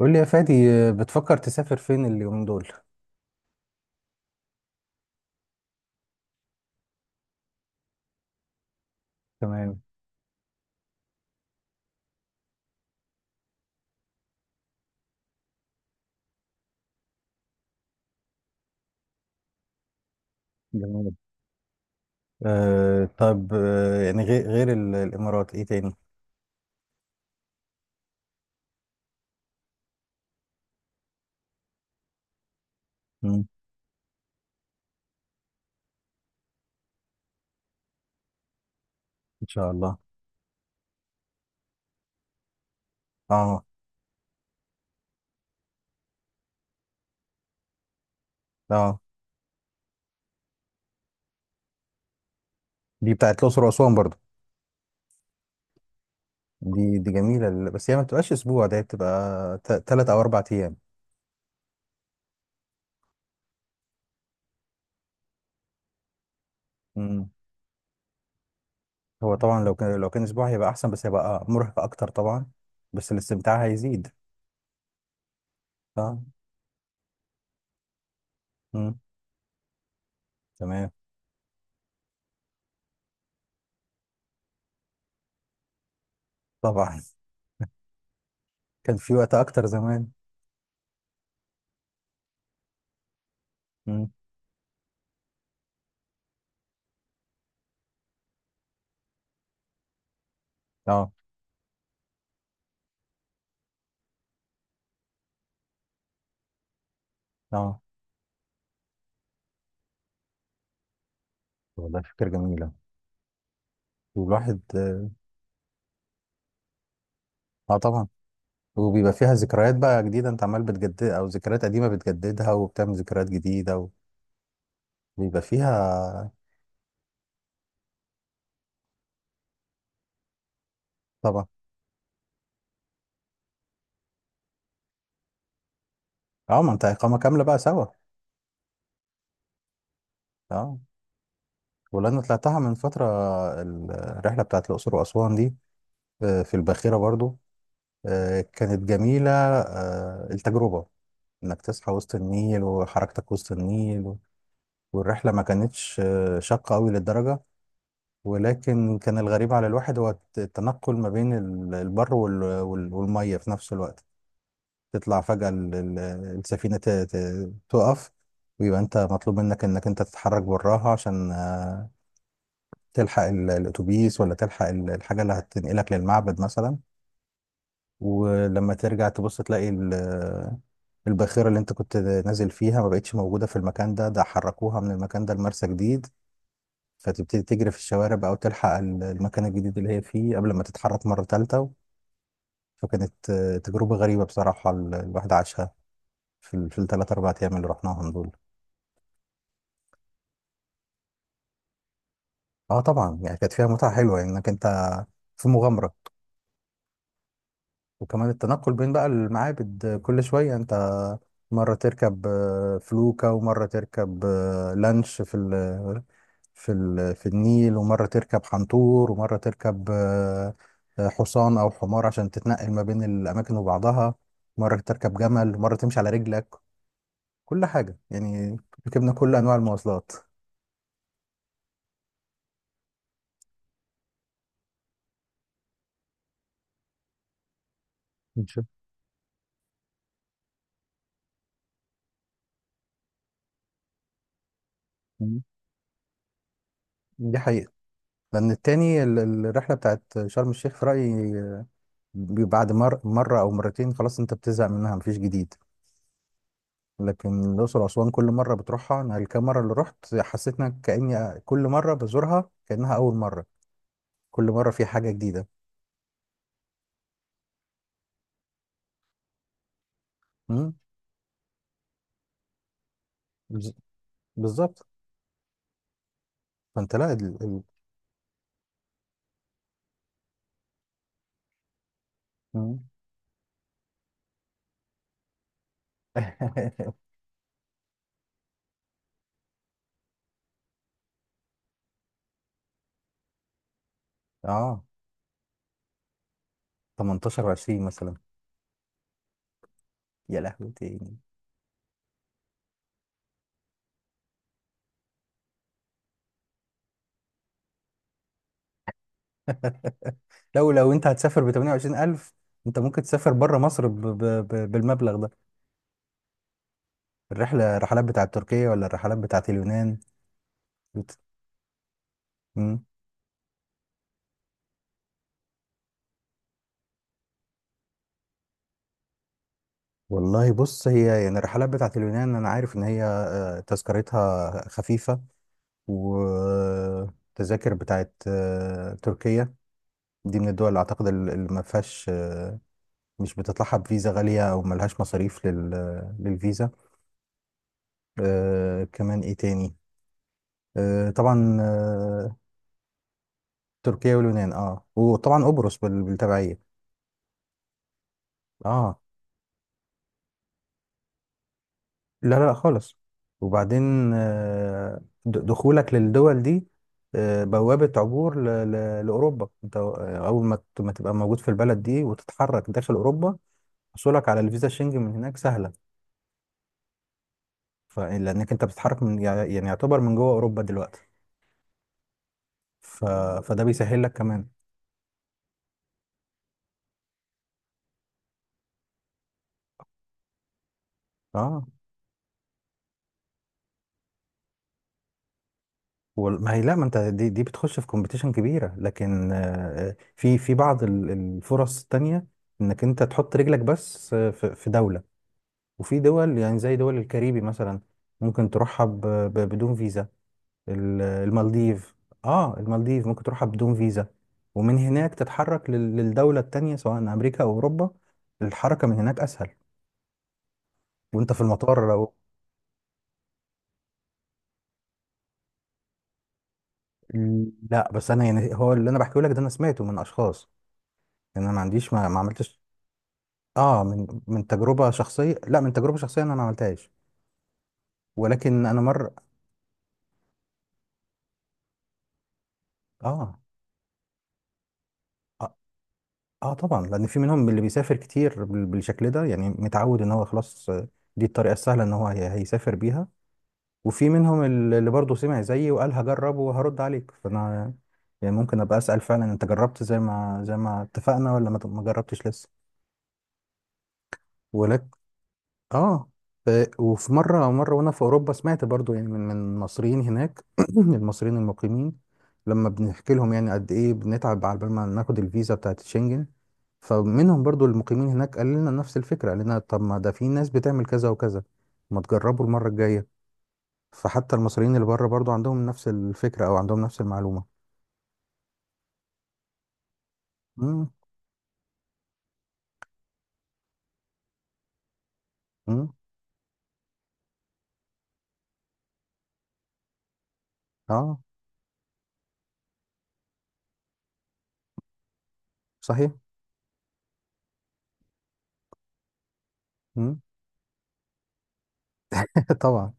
قول لي يا فادي بتفكر تسافر فين اليومين دول. تمام. جميل. آه طب آه يعني غير ال- الامارات ايه تاني. مم. ان شاء الله. اه. اه دي بتاعت الاقصر واسوان برضو. دي جميله ال- بس هي ما بتبقاش اسبوع ده بتبقى ثلاث او اربع ايام. مم. هو طبعا لو كان اسبوع هيبقى احسن بس هيبقى مرهق اكتر طبعا. بس الاستمتاع هيزيد. اه. مم. تمام. طبعا. كان في وقت اكتر زمان. مم. اه. اه والله فكره جميله. والواحد. اه طبعا. وبيبقى فيها ذكريات بقى جديدة انت عمال بتجدد او ذكريات قديمة بتجددها وبتعمل ذكريات جديدة. وبيبقى فيها. طبعا. اه ما انت اقامة كاملة بقى سوا. اه. ولأن طلعتها من فترة ال- الرحلة بتاعت الأقصر وأسوان دي، في الباخرة برضو. كانت جميلة التجربة، انك تصحى وسط النيل وحركتك وسط النيل. والرحلة ما كانتش شاقة قوي للدرجة. ولكن كان الغريب على الواحد هو الت- التنقل ما بين ال- البر وال- وال- والمية في نفس الوقت. تطلع فجأة ال- ال- السفينة ت- ت- تقف، ويبقى انت مطلوب منك انك انت تتحرك براها عشان تلحق ال- الاتوبيس ولا تلحق ال- الحاجة اللي هتنقلك للمعبد مثلا. ولما ترجع تبص تلاقي ال- الباخرة اللي انت كنت نازل فيها ما بقتش موجودة في المكان ده، ده حركوها من المكان ده لمرسى جديد. فتبتدي تجري في الشوارع بقى وتلحق ال- المكان الجديد اللي هي فيه قبل ما تتحرك مرة تالتة. فكانت تجربة غريبة بصراحة ال- الواحد عاشها في ال- في الثلاث أربع أيام اللي رحناهم دول. اه طبعا يعني كانت فيها متعة حلوة يعني انك انت في مغامرة. وكمان التنقل بين بقى المعابد، كل شوية انت مرة تركب فلوكة، ومرة تركب لانش في ال في النيل، ومرة تركب حنطور، ومرة تركب حصان أو حمار عشان تتنقل ما بين الأماكن وبعضها. مرة تركب جمل، مرة تمشي على رجلك. كل حاجة يعني. ركبنا كل أنواع المواصلات. إن شاء الله. دي حقيقة. لأن التاني ال- ال- الرحلة بتاعت شرم الشيخ في رأيي، بعد مر مرة أو مرتين خلاص أنت بتزهق منها، مفيش جديد. لكن الأقصر وأسوان كل مرة بتروحها، أنا الكام مرة اللي رحت حسيت إن كأني كل مرة بزورها كأنها أول مرة. كل مرة في حاجة جديدة. مم، بز- بالظبط. فأنت لا ال... ال... مم. آه. 18 و20 مثلا. يا لهوي تاني. لو أنت هتسافر ب 28,000، أنت ممكن تسافر بره مصر ب... ب... ب... بالمبلغ ده. الرحلات بتاعت تركيا ولا الرحلات بتاعت اليونان. بت... والله بص هي يعني الرحلات بتاعت اليونان انا عارف ان هي تذكرتها خفيفة. والتذاكر بتاعت تركيا دي من الدول اللي اعتقد ال- اللي ما فيهاش مش بتطلعها بفيزا غالية او ملهاش مصاريف لل- للفيزا. كمان ايه تاني. طبعا تركيا واليونان اه، وطبعا قبرص بال- بالتبعية. اه. لا لا لا خالص. وبعدين د- دخولك للدول دي بوابة عبور ل- ل- لأوروبا. انت أول ما ت- ما تبقى موجود في البلد دي وتتحرك داخل أوروبا، حصولك على الفيزا الشنجن من هناك سهلة. ف- لأنك انت بتتحرك من يع- يعني يعتبر من جوه أوروبا دلوقتي. ف... فده بيسهل لك كمان. اه. وال- ما هي لا ما انت دي, دي بتخش في كومبيتيشن كبيرة، لكن في في بعض ال- الفرص التانية انك انت تحط رجلك بس في في دولة. وفي دول يعني زي دول الكاريبي مثلا ممكن تروحها ب- ب- بدون فيزا. ال- المالديف. اه المالديف ممكن تروحها بدون فيزا. ومن هناك تتحرك لل- للدولة التانية سواء أمريكا أو أوروبا. الحركة من هناك أسهل. وأنت في المطار لو. لا بس أنا يعني هو اللي أنا بحكيه لك ده أنا سمعته من أشخاص. يعني أنا ما عنديش ما, ما عملتش. اه، من من تجربة شخصية، لا من تجربة شخصية أنا ما عملتهاش. ولكن أنا مرة. اه. آه. اه طبعا لان في منهم اللي بيسافر كتير بال- بالشكل ده، يعني متعود ان هو خلاص دي الطريقه السهله ان هو هي- هيسافر بيها. وفي منهم ال- اللي برضه سمع زيي وقال هجرب وهرد عليك، فانا يعني ممكن ابقى اسال فعلا انت جربت زي ما زي ما اتفقنا ولا ما ما جربتش لسه. اه. ف- وفي مرة وانا في اوروبا سمعت برضو يعني من من المصريين هناك من المصريين المقيمين، لما بنحكي لهم يعني قد ايه بنتعب على بال ما ناخد الفيزا بتاعت شنجن. فمنهم برضو المقيمين هناك قال لنا نفس الفكرة، قال لنا طب ما ده في ناس بتعمل كذا وكذا، ما تجربوا المرة الجاية. فحتى المصريين اللي بره برضو عندهم نفس الفكرة او عندهم نفس المعلومة. امم. امم. اه. صحيح. امم. طبعا.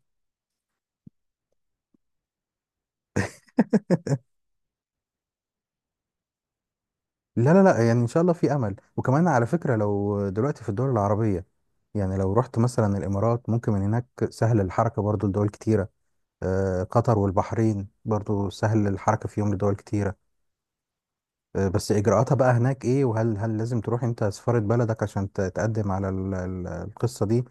لا لا لا يعني ان شاء الله في امل. وكمان على فكره لو دلوقتي في الدول العربيه، يعني لو رحت مثلا الامارات ممكن من هناك سهل الحركه برضو لدول كتيره. قطر والبحرين برضو سهل الحركه فيهم لدول كتيره. بس اجراءاتها بقى هناك ايه، وهل لازم تروح انت سفاره بلدك عشان ت- تقدم على ال- ال- القصه دي،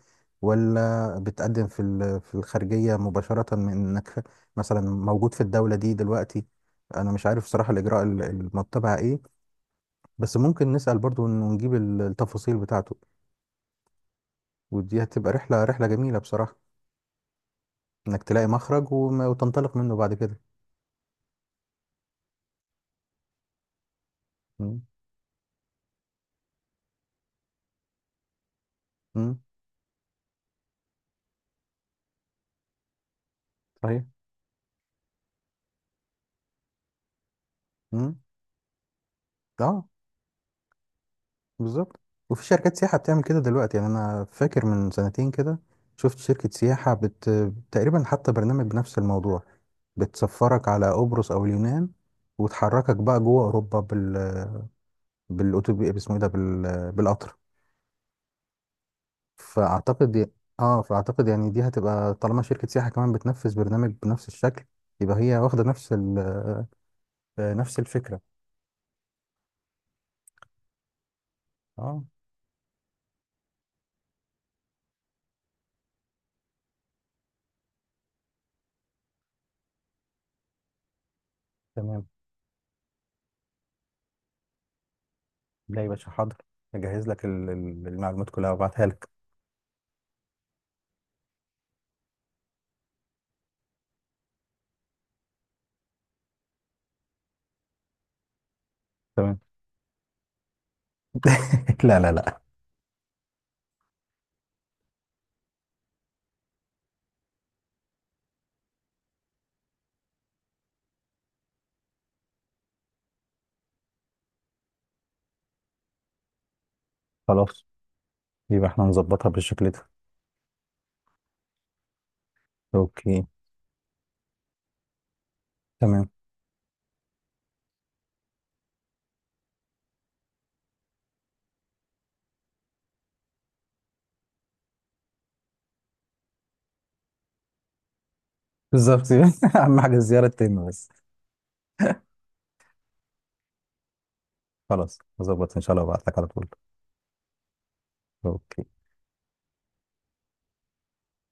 ولا بتقدم في ال- في الخارجيه مباشره من انك مثلا موجود في الدوله دي دلوقتي. انا مش عارف صراحه الاجراء ال- المتبع ايه. بس ممكن نسأل برضو إنه نجيب ال- التفاصيل بتاعته. ودي هتبقى رحلة جميلة بصراحة، إنك تلاقي مخرج وما- وتنطلق منه بعد كده. مم. مم. صحيح. مم. اه بالظبط. وفي شركات سياحة بتعمل كده دلوقتي، يعني أنا فاكر من سنتين كده شفت شركة سياحة بت... تقريبا حتى برنامج بنفس الموضوع. بتسفرك على قبرص أو اليونان وتحركك بقى جوه أوروبا بال... بالأتوبيس اسمه إيه ده بال... بالقطر. فاعتقد ي- اه فاعتقد يعني دي هتبقى طالما شركة سياحة كمان بتنفذ برنامج بنفس الشكل، يبقى هي واخدة نفس ال... نفس الفكرة. اه. تمام. لا يا باشا، حاضر. اجهز لك ال- ال- المعلومات كلها وابعتها لك. تمام. لا لا لا. خلاص يبقى احنا نظبطها بالشكل ده. اوكي. تمام. بالظبط. اهم حاجة الزيارة تتم بس. خلاص هظبط ان شاء الله وابعت لك على طول. اوكي.